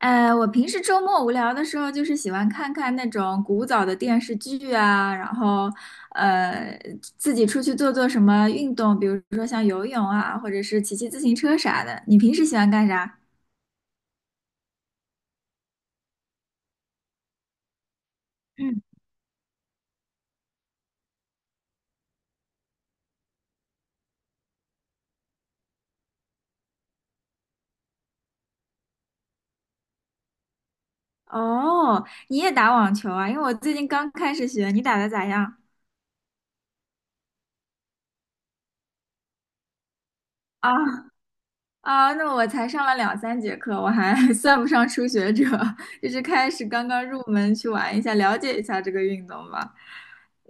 呃，我平时周末无聊的时候，就是喜欢看看那种古早的电视剧啊，然后呃，自己出去做做什么运动，比如说像游泳啊，或者是骑骑自行车啥的。你平时喜欢干啥？嗯，哦，你也打网球啊？因为我最近刚开始学，你打的咋样？啊，啊，那我才上了两三节课，我还 算不上初学者，就是开始刚刚入门去玩一下，了解一下这个运动吧。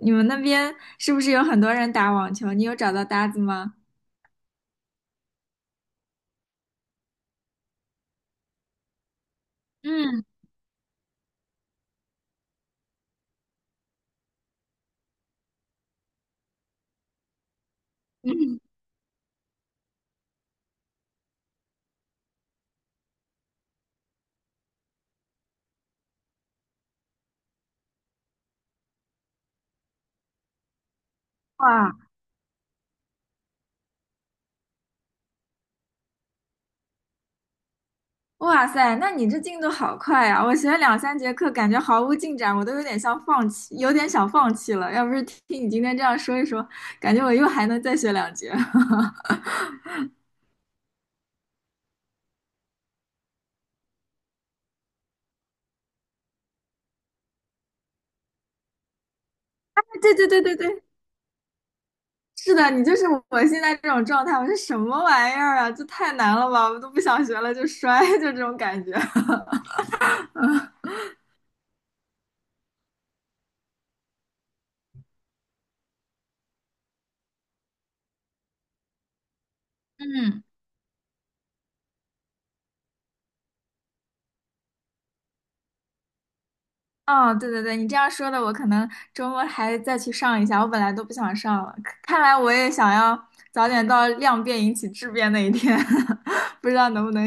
你们那边是不是有很多人打网球？你有找到搭子吗？嗯嗯，哇哇塞，那你这进度好快啊！我学了两三节课，感觉毫无进展，我都有点像放弃，有点想放弃了。要不是听你今天这样说一说，感觉我又还能再学两节。对对对对对，是的，你就是我现在这种状态，我说什么玩意儿啊？这太难了吧，我都不想学了，就摔，就这种感觉。嗯，哦，对对对，你这样说的，我可能周末还再去上一下，我本来都不想上了，看看来我也想要早点到量变引起质变那一天，不知道能不能。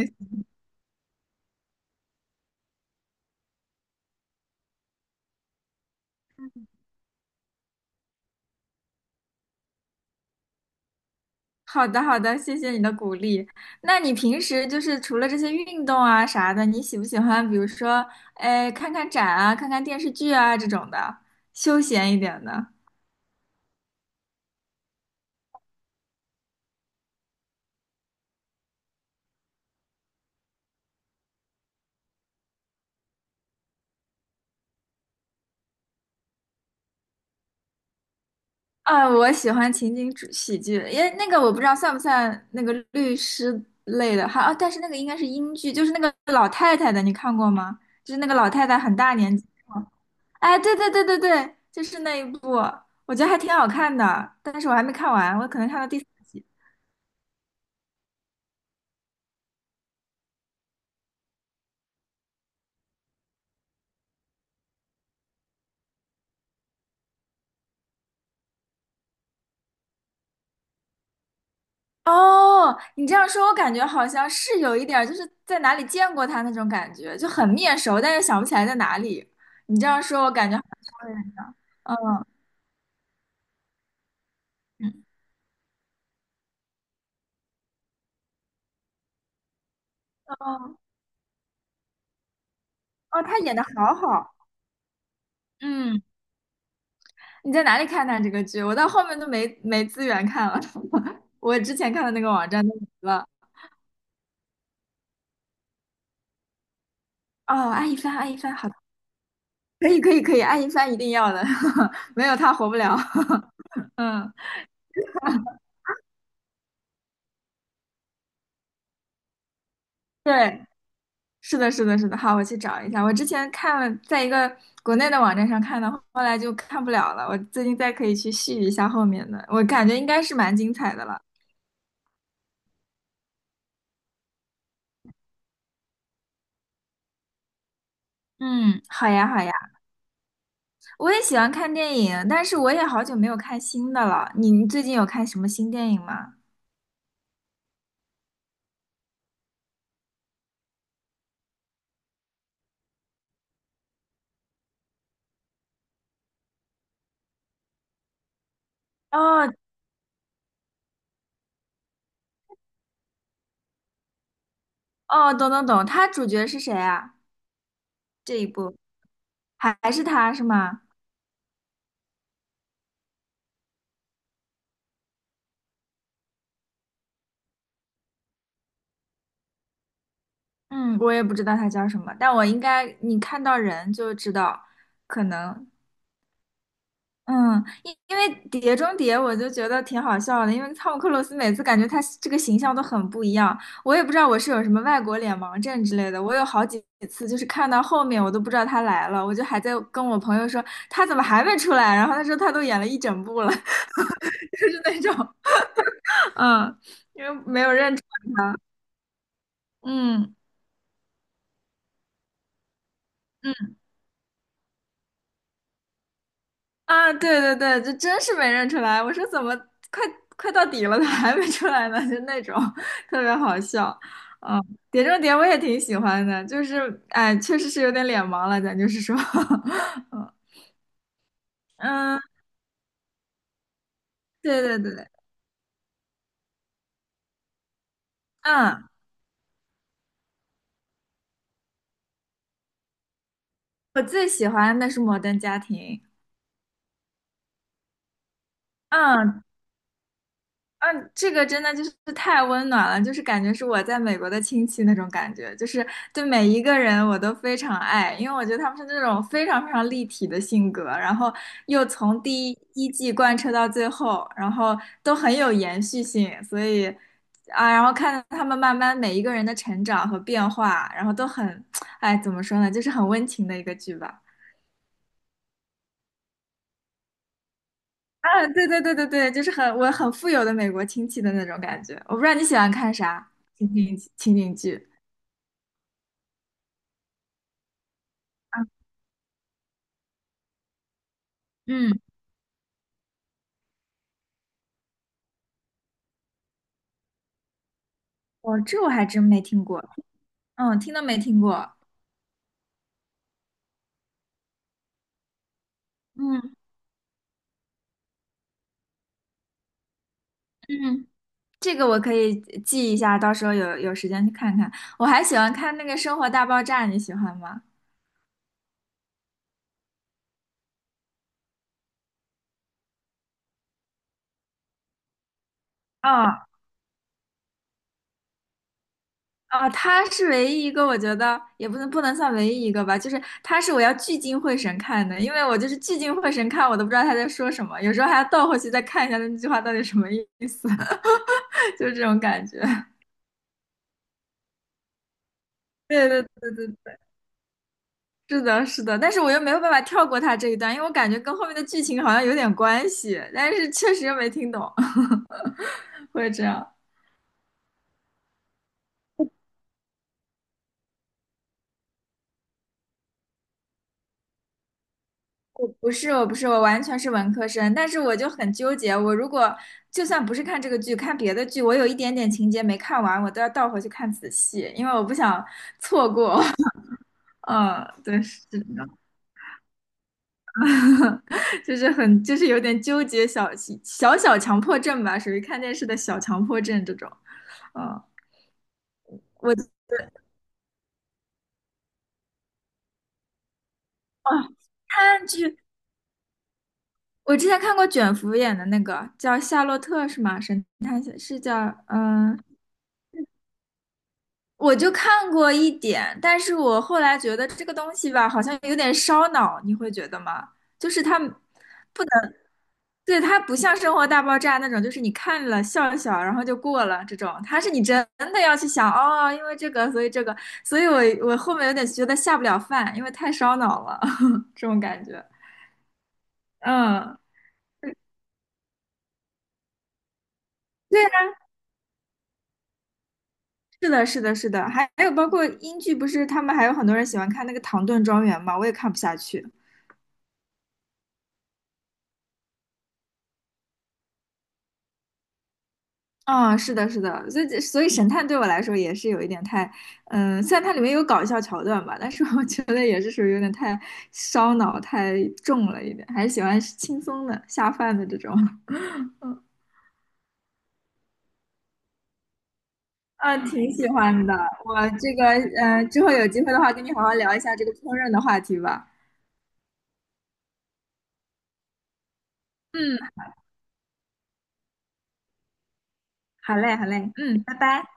好的，好的，谢谢你的鼓励。那你平时就是除了这些运动啊啥的，你喜不喜欢，比如说，哎，看看展啊，看看电视剧啊这种的，休闲一点的？啊，我喜欢情景主喜剧，因为那个我不知道算不算那个律师类的，还啊，但是那个应该是英剧，就是那个老太太的，你看过吗？就是那个老太太很大年纪，哎，对对对对对，就是那一部，我觉得还挺好看的，但是我还没看完，我可能看到第四集。哦，你这样说，我感觉好像是有一点儿就是在哪里见过他那种感觉，就很面熟，但是想不起来在哪里。你这样说，我感觉好像，嗯，哦哦，他演的好好。嗯。你在哪里看的这个剧？我到后面都没资源看了，我之前看的那个网站都没了。哦，爱一帆，爱一帆，好的，可以，可以，可以，爱一帆一定要的，没有他活不了。嗯，对，是的，是的，是的。好，我去找一下。我之前看了，在一个国内的网站上看的，后来就看不了了。我最近再可以去续一下后面的，我感觉应该是蛮精彩的了。嗯，好呀，好呀。我也喜欢看电影，但是我也好久没有看新的了。你最近有看什么新电影吗？哦哦，懂懂懂，他主角是谁啊？这一部还是他是吗？嗯，我也不知道他叫什么，但我应该你看到人就知道，可能嗯，因为《碟中谍》我就觉得挺好笑的，因为汤姆克鲁斯每次感觉他这个形象都很不一样，我也不知道我是有什么外国脸盲症之类的，我有好几次就是看到后面我都不知道他来了，我就还在跟我朋友说他怎么还没出来，然后他说他都演了一整部了，就是那种。嗯，因为没有认出来他。嗯嗯啊，对对对，这真是没认出来。我说怎么快快到底了，他还没出来呢？就那种 特别好笑。嗯，《碟中谍》我也挺喜欢的，就是哎，确实是有点脸盲了，咱就是说，嗯嗯，对对对，嗯，我最喜欢的是《摩登家庭》。嗯，嗯，这个真的就是太温暖了，就是感觉是我在美国的亲戚那种感觉，就是对每一个人我都非常爱，因为我觉得他们是那种非常非常立体的性格，然后又从第一季贯彻到最后，然后都很有延续性，所以啊，然后看他们慢慢每一个人的成长和变化，然后都很，哎，怎么说呢，就是很温情的一个剧吧。啊，对对对对对，就是很我很富有的美国亲戚的那种感觉。我不知道你喜欢看啥情景剧啊？嗯，我还真没听过，嗯，听都没听过。嗯嗯，这个我可以记一下，到时候有时间去看看。我还喜欢看那个《生活大爆炸》，你喜欢吗？哦啊，他是唯一一个，我觉得也不能算唯一一个吧，就是他是我要聚精会神看的，因为我就是聚精会神看，我都不知道他在说什么，有时候还要倒回去再看一下那句话到底什么意思，就是这种感觉。对对对对，是的，是的，但是我又没有办法跳过他这一段，因为我感觉跟后面的剧情好像有点关系，但是确实又没听懂，会这样。我不是，我不是，我完全是文科生，但是我就很纠结，我如果就算不是看这个剧，看别的剧，我有一点点情节没看完，我都要倒回去看仔细，因为我不想 错过。嗯，对，是的，就是很，就是有点纠结，小小强迫症吧，属于看电视的小强迫症这种。嗯，我看剧，我之前看过卷福演的那个叫《夏洛特》是吗？神探是叫我就看过一点，但是我后来觉得这个东西吧，好像有点烧脑，你会觉得吗？就是它不能，对，它不像《生活大爆炸》那种，就是你看了笑一笑，然后就过了这种，它是你真的要去想，哦，因为这个，所以这个，所以我后面有点觉得下不了饭，因为太烧脑了，这种感觉。嗯，对啊，是的，是的，是的，还有包括英剧，不是他们还有很多人喜欢看那个《唐顿庄园》嘛，我也看不下去。啊、是的，是的，所以神探对我来说也是有一点太，虽然它里面有搞笑桥段吧，但是我觉得也是属于有点太烧脑、太重了一点，还是喜欢轻松的、下饭的这种。嗯，挺喜欢的。我这个，之后有机会的话，跟你好好聊一下这个烹饪的话题吧。嗯，好嘞，好嘞，嗯，拜拜。